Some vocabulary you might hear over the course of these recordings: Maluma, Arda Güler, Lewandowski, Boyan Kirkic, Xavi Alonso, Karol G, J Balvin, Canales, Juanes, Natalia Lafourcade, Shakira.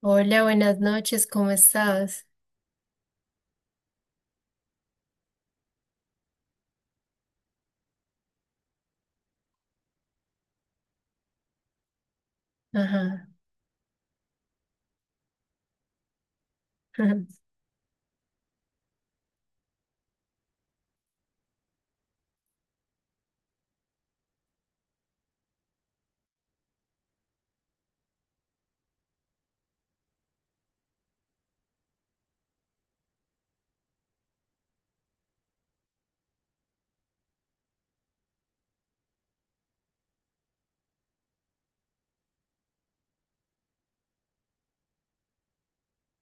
Hola, buenas noches, ¿cómo estás? Ajá.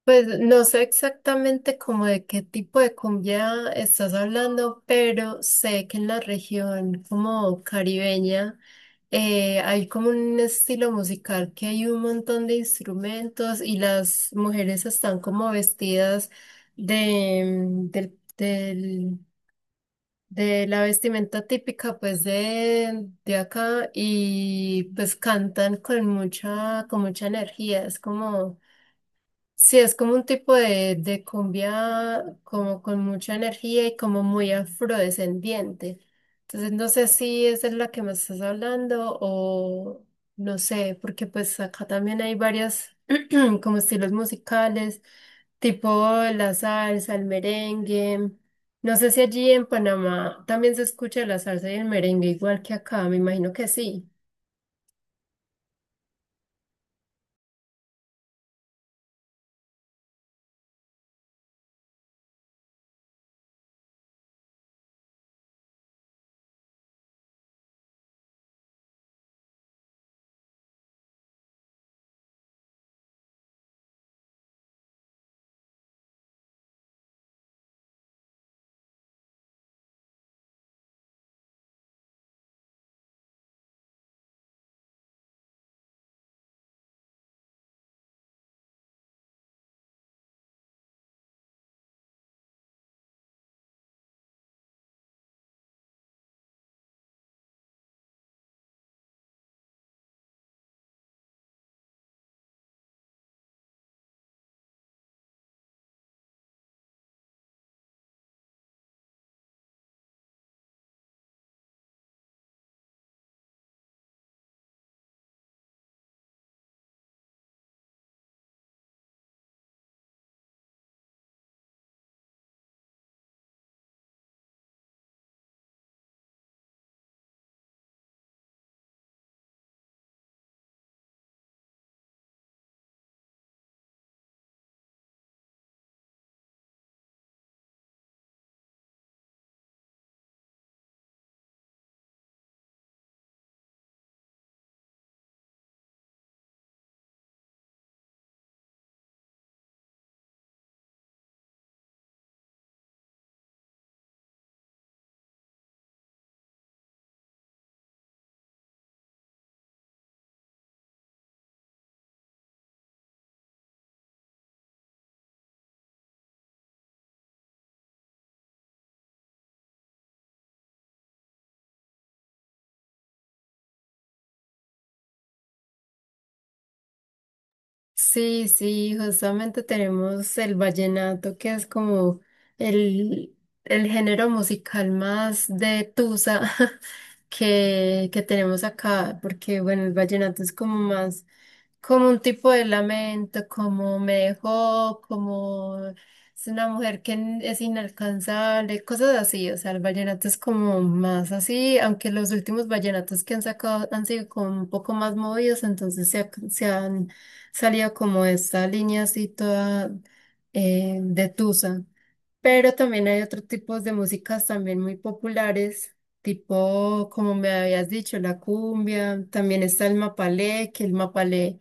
Pues no sé exactamente como de qué tipo de cumbia estás hablando, pero sé que en la región como caribeña hay como un estilo musical que hay un montón de instrumentos y las mujeres están como vestidas de, de la vestimenta típica pues de acá y pues cantan con mucha energía, es como... Sí, es como un tipo de cumbia como con mucha energía y como muy afrodescendiente. Entonces no sé si esa es la que me estás hablando o no sé, porque pues acá también hay varias como estilos musicales, tipo la salsa, el merengue. No sé si allí en Panamá también se escucha la salsa y el merengue igual que acá, me imagino que sí. Sí, sí, justamente tenemos el vallenato, que es como el, el género musical más de tusa que tenemos acá, porque bueno, el vallenato es como más, como un tipo de lamento, como me dejó, como es una mujer que es inalcanzable, cosas así, o sea, el vallenato es como más así, aunque los últimos vallenatos que han sacado han sido como un poco más movidos, entonces se, se han salía como esta línea así toda de tusa. Pero también hay otros tipos de músicas también muy populares, tipo, como me habías dicho, la cumbia, también está el mapalé, que el mapalé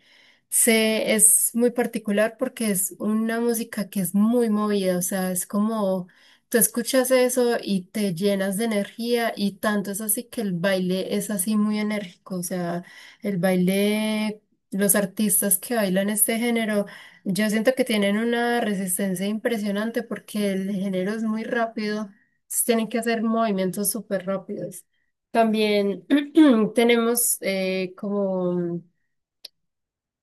se, es muy particular porque es una música que es muy movida, o sea, es como tú escuchas eso y te llenas de energía y tanto es así que el baile es así muy enérgico, o sea, el baile, los artistas que bailan este género. Yo siento que tienen una resistencia impresionante porque el género es muy rápido, entonces tienen que hacer movimientos súper rápidos. También tenemos como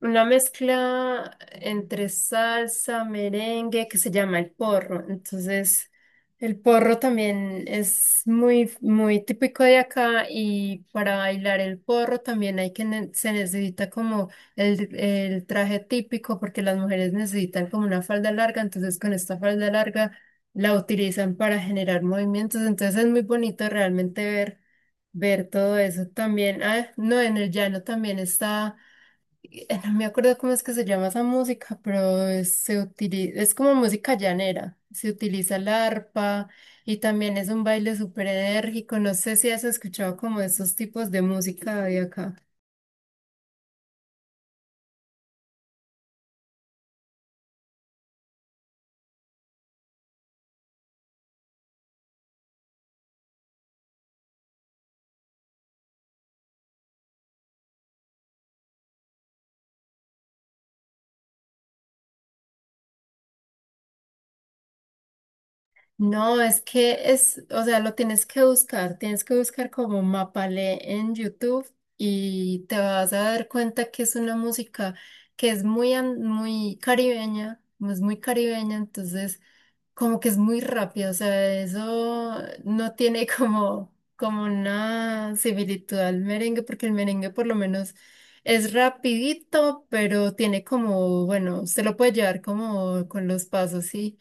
una mezcla entre salsa, merengue, que se llama el porro. Entonces, el porro también es muy, muy típico de acá y para bailar el porro también hay que, se necesita como el traje típico porque las mujeres necesitan como una falda larga, entonces con esta falda larga la utilizan para generar movimientos. Entonces es muy bonito realmente ver, ver todo eso también. Ah, no, en el llano también está no me acuerdo cómo es que se llama esa música, pero se utiliza, es como música llanera. Se utiliza el arpa y también es un baile súper enérgico. No sé si has escuchado como esos tipos de música de acá. No, es que es, o sea, lo tienes que buscar. Tienes que buscar como Mapalé en YouTube y te vas a dar cuenta que es una música que es muy, muy caribeña, es muy caribeña, entonces. Como que es muy rápido, o sea, eso no tiene como, como una similitud al merengue, porque el merengue por lo menos es rapidito, pero tiene como, bueno, se lo puede llevar como con los pasos, sí.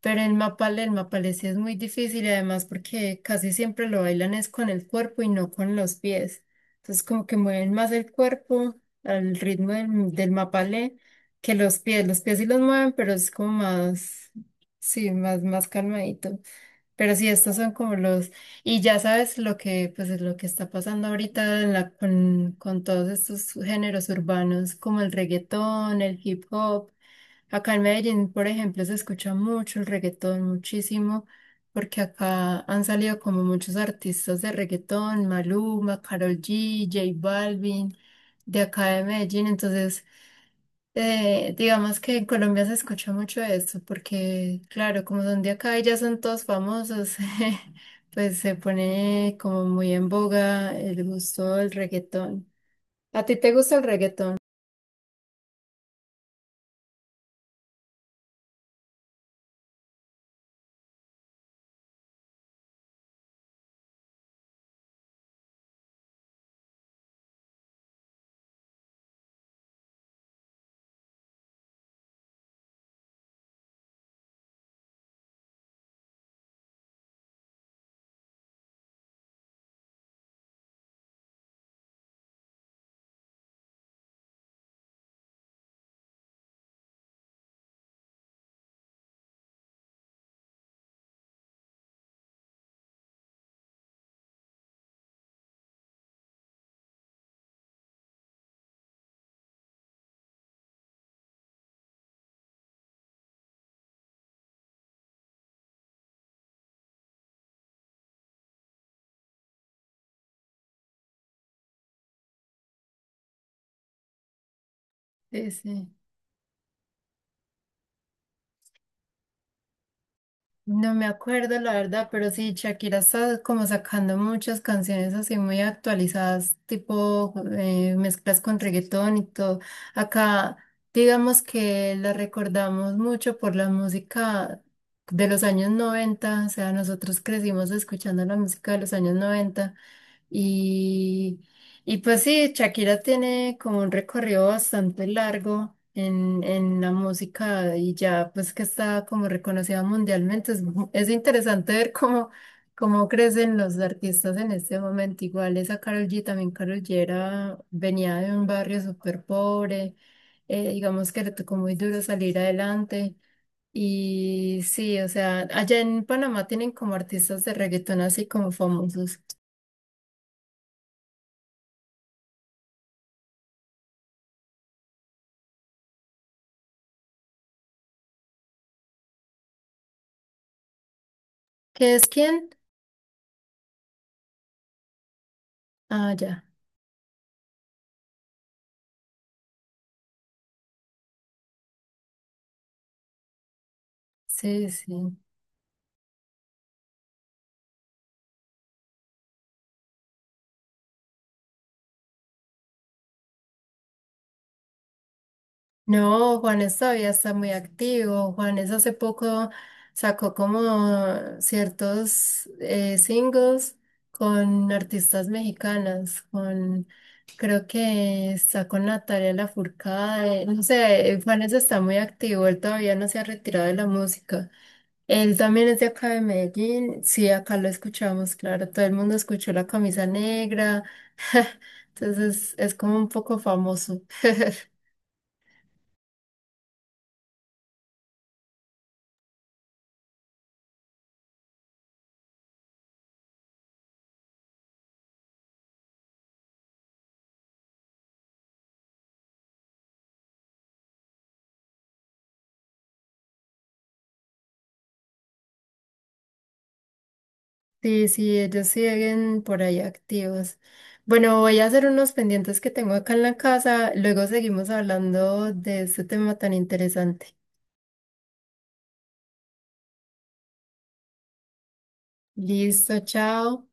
Pero el mapalé sí es muy difícil y además porque casi siempre lo bailan es con el cuerpo y no con los pies. Entonces como que mueven más el cuerpo al ritmo del, del mapalé que los pies. Los pies sí los mueven, pero es como más, sí, más, más calmadito. Pero sí, estos son como los, y ya sabes lo que, pues es lo que está pasando ahorita en con todos estos géneros urbanos como el reggaetón, el hip hop. Acá en Medellín, por ejemplo, se escucha mucho el reggaetón, muchísimo, porque acá han salido como muchos artistas de reggaetón, Maluma, Karol G, J Balvin, de acá de Medellín. Entonces, digamos que en Colombia se escucha mucho esto, porque claro, como son de acá y ya son todos famosos, pues se pone como muy en boga el gusto del reggaetón. ¿A ti te gusta el reggaetón? Sí, sí. No me acuerdo la verdad, pero sí, Shakira está como sacando muchas canciones así muy actualizadas, tipo mezclas con reggaetón y todo. Acá, digamos que la recordamos mucho por la música de los años noventa, o sea, nosotros crecimos escuchando la música de los años 90 y, y pues sí, Shakira tiene como un recorrido bastante largo en la música y ya pues que está como reconocida mundialmente. Es, es interesante ver cómo, cómo crecen los artistas en este momento. Igual esa Karol G, también Karol G venía de un barrio súper pobre, digamos que le tocó muy duro salir adelante. Y sí, o sea, allá en Panamá tienen como artistas de reggaetón así como famosos. ¿Qué es quién? Ah, ya. Sí, sí. No, Juanes todavía está muy activo. Juanes hace poco sacó como ciertos singles con artistas mexicanas, con creo que está con Natalia Lafourcade. No sé, Juanes está muy activo, él todavía no se ha retirado de la música. Él también es de acá de Medellín. Sí, acá lo escuchamos, claro. Todo el mundo escuchó la camisa negra. Entonces es como un poco famoso. Sí, sí, ellos siguen por ahí activos. Bueno, voy a hacer unos pendientes que tengo acá en la casa. Luego seguimos hablando de este tema tan interesante. Listo, chao.